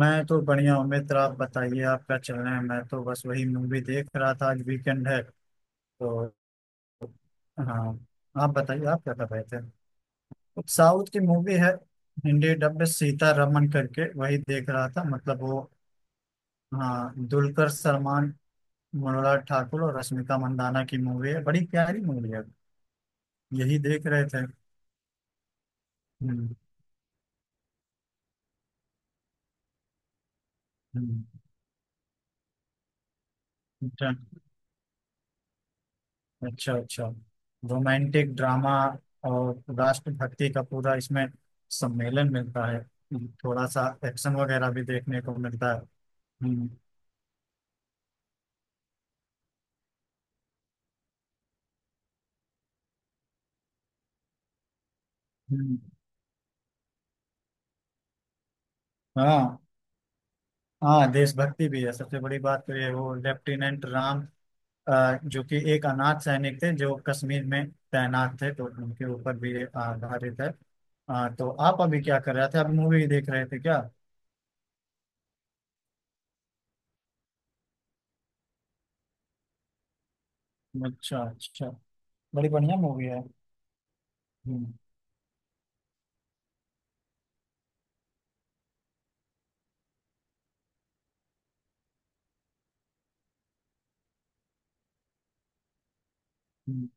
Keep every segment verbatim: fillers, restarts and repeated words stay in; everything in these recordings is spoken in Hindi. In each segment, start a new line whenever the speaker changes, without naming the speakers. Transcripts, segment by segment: मैं तो बढ़िया हूँ मित्र। आप बताइए आप क्या चल रहे हैं। मैं तो बस वही मूवी देख रहा था, आज वीकेंड है तो। हाँ, आप बताइए आप क्या कर रहे थे। कुछ साउथ की मूवी है, हिंदी डब में, सीता रमन करके, वही देख रहा था। मतलब वो, हाँ, दुलकर सलमान, मनोहर ठाकुर और रश्मिका मंदाना की मूवी है। बड़ी प्यारी मूवी है। यही देख रहे थे। हम्म। हम्म। अच्छा। अच्छा अच्छा। रोमांटिक ड्रामा और राष्ट्रभक्ति का पूरा इसमें सम्मेलन मिलता है। थोड़ा सा एक्शन वगैरह भी देखने को मिलता है। हम्म। हम्म, हाँ। हाँ, देशभक्ति भी है। सबसे बड़ी बात तो ये है, वो लेफ्टिनेंट राम, अ, जो कि एक अनाथ सैनिक थे, जो कश्मीर में तैनात थे, तो उनके ऊपर भी ये आधारित है। हाँ, तो आप अभी क्या कर रहे थे, आप मूवी देख रहे थे क्या। अच्छा अच्छा। बड़ी बढ़िया मूवी है। हम्म। हम्म।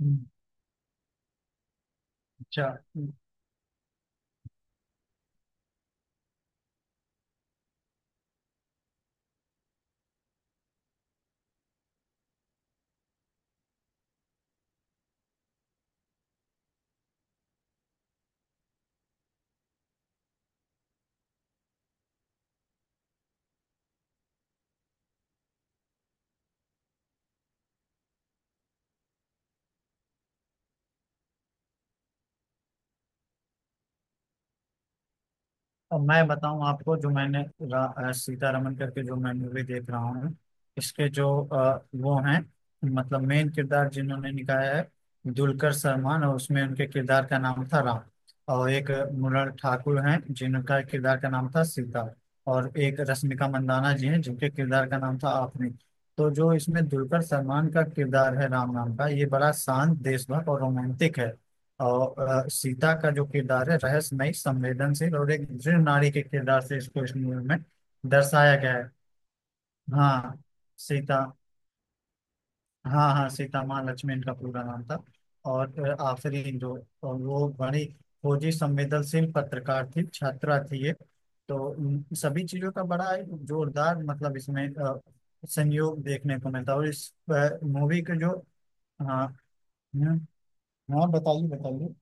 हम्म। अच्छा। हम्म। अब मैं बताऊं आपको, जो मैंने रा- अ, सीतारमन करके जो मैं मूवी देख रहा हूँ, इसके जो अ, वो हैं, मतलब मेन किरदार जिन्होंने निभाया है दुलकर सलमान, और उसमें उनके किरदार का नाम था राम। और एक मृणाल ठाकुर हैं, जिनका किरदार का नाम था सीता। और एक रश्मिका मंदाना जी हैं, जिनके किरदार का नाम था आपने। तो जो इसमें दुलकर सलमान का किरदार है राम नाम का, ये बड़ा शांत, देशभक्त और रोमांटिक है। और अ, सीता का जो किरदार है, रहस्यमय, संवेदनशील और एक दृढ़ नारी के किरदार से इसको इस मूवी में दर्शाया गया है। हाँ, सीता। हाँ हाँ, सीता माँ लक्ष्मी इनका पूरा नाम था। और अ, आखिरी जो और वो बड़ी खोजी, संवेदनशील पत्रकार थी, छात्रा थी ये। तो उन सभी चीजों का बड़ा एक जोरदार, मतलब इसमें अ, संयोग देखने को मिलता है। और इस मूवी के जो, हाँ। हम्म, हाँ, बताइए बताइए।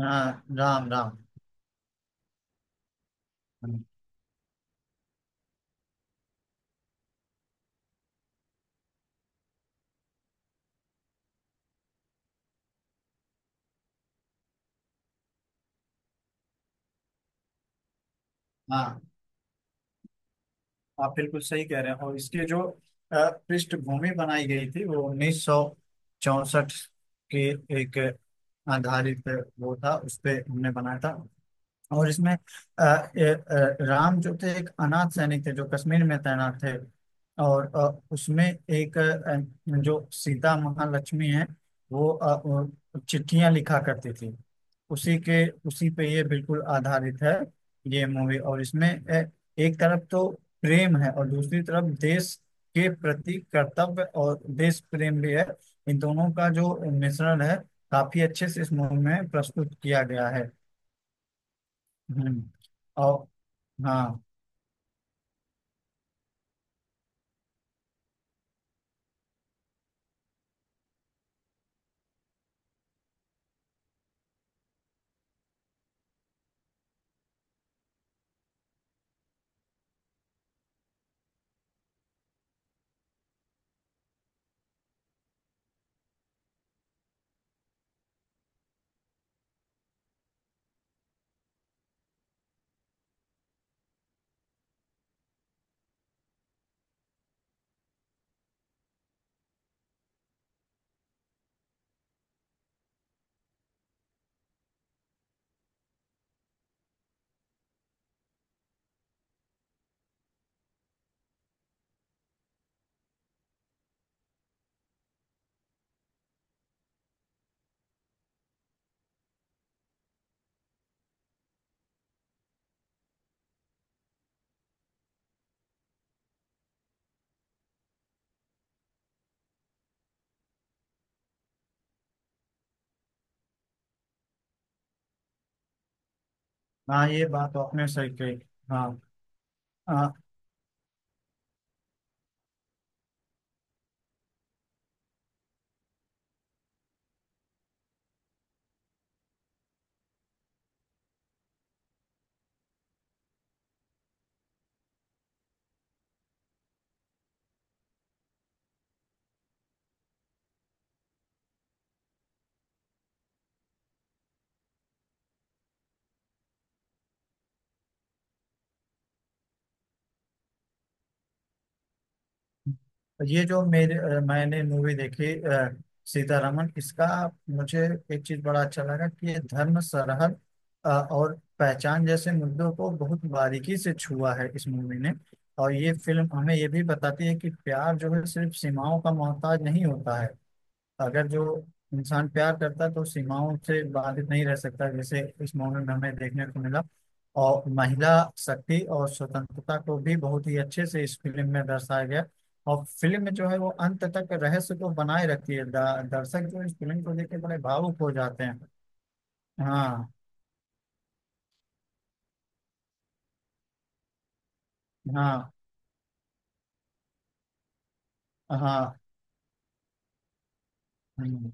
हाँ, राम राम। हाँ, आप बिल्कुल सही कह रहे हैं। और इसकी जो अ, पृष्ठभूमि बनाई गई थी, वो उन्नीस सौ चौसठ के एक आधारित, वो था, उस पे हमने बनाया था। और इसमें अ, ए, अ, राम जो थे, एक अनाथ सैनिक थे, जो कश्मीर में तैनात थे। और अ, उसमें एक अ, जो सीता महालक्ष्मी है, वो अ, वो चिट्ठियां लिखा करती थी। उसी के, उसी पे ये बिल्कुल आधारित है, ये मूवी। और इसमें अ, एक तरफ तो प्रेम है, और दूसरी तरफ देश के प्रति कर्तव्य और देश प्रेम भी है। इन दोनों का जो मिश्रण है, काफी अच्छे से इस मूवी में प्रस्तुत किया गया है। हम्म, और हाँ। हाँ, ये बात तो आपने सही कही। हाँ हाँ। ये जो मेरे अ, मैंने मूवी देखी अ, सीतारमन, इसका मुझे एक चीज बड़ा अच्छा लगा कि ये धर्म, सरहद अ, और पहचान जैसे मुद्दों को बहुत बारीकी से छुआ है इस मूवी ने। और ये फिल्म हमें ये भी बताती है कि प्यार जो है सिर्फ सीमाओं का मोहताज नहीं होता है। अगर जो इंसान प्यार करता है, तो सीमाओं से बाधित नहीं रह सकता, जैसे इस मॉडल में हमें देखने को मिला। और महिला शक्ति और स्वतंत्रता को भी बहुत ही अच्छे से इस फिल्म में दर्शाया गया। और फिल्म में जो है वो अंत तक रहस्य को बनाए रखती है। द- दर्शक जो इस फिल्म को देख के बड़े भावुक हो जाते हैं। हाँ। हाँ हाँ। हम्म,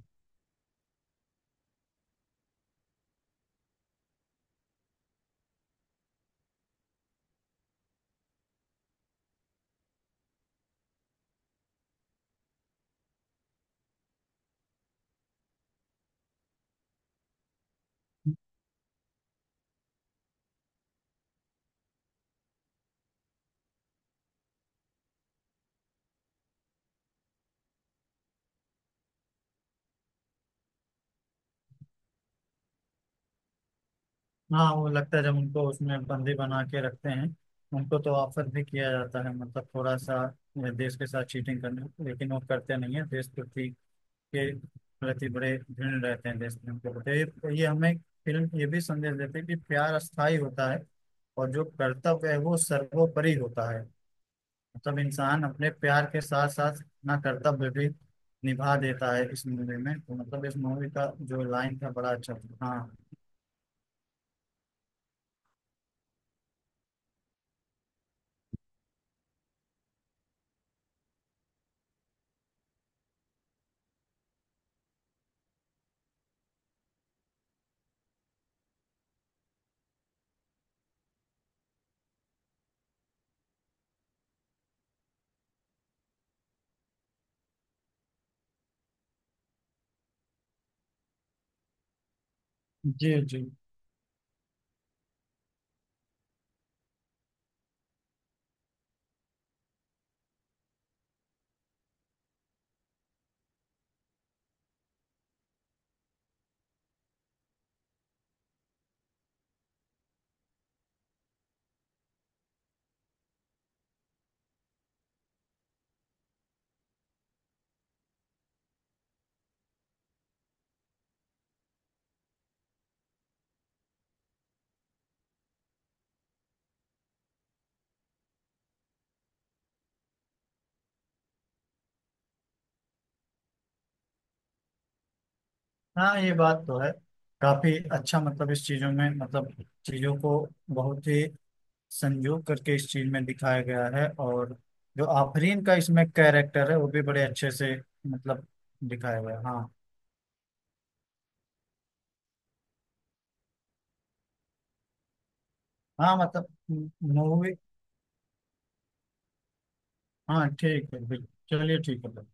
हाँ, वो लगता है जब उनको उसमें बंदी बना के रखते हैं, उनको तो ऑफर भी किया जाता है, मतलब थोड़ा सा देश के साथ चीटिंग करने, लेकिन वो करते नहीं है। देशभक्ति के प्रति बड़े ऋणी रहते हैं, देश प्रेम के प्रति। तो ये हमें फिल्म ये भी संदेश देती है कि प्यार अस्थायी होता है, और जो कर्तव्य है वो सर्वोपरि होता है। मतलब इंसान अपने प्यार के साथ साथ अपना कर्तव्य भी निभा देता है इस मूवी में। तो मतलब इस मूवी का जो लाइन था, बड़ा अच्छा था। हाँ। जी जी। हाँ, ये बात तो है। काफी अच्छा, मतलब इस चीजों में, मतलब चीजों को बहुत ही संजू करके इस चीज में दिखाया गया है। और जो आफरीन का इसमें कैरेक्टर है, वो भी बड़े अच्छे से, मतलब दिखाया गया है। हाँ हाँ। मतलब मूवी, हाँ ठीक है, बिल्कुल, चलिए ठीक है।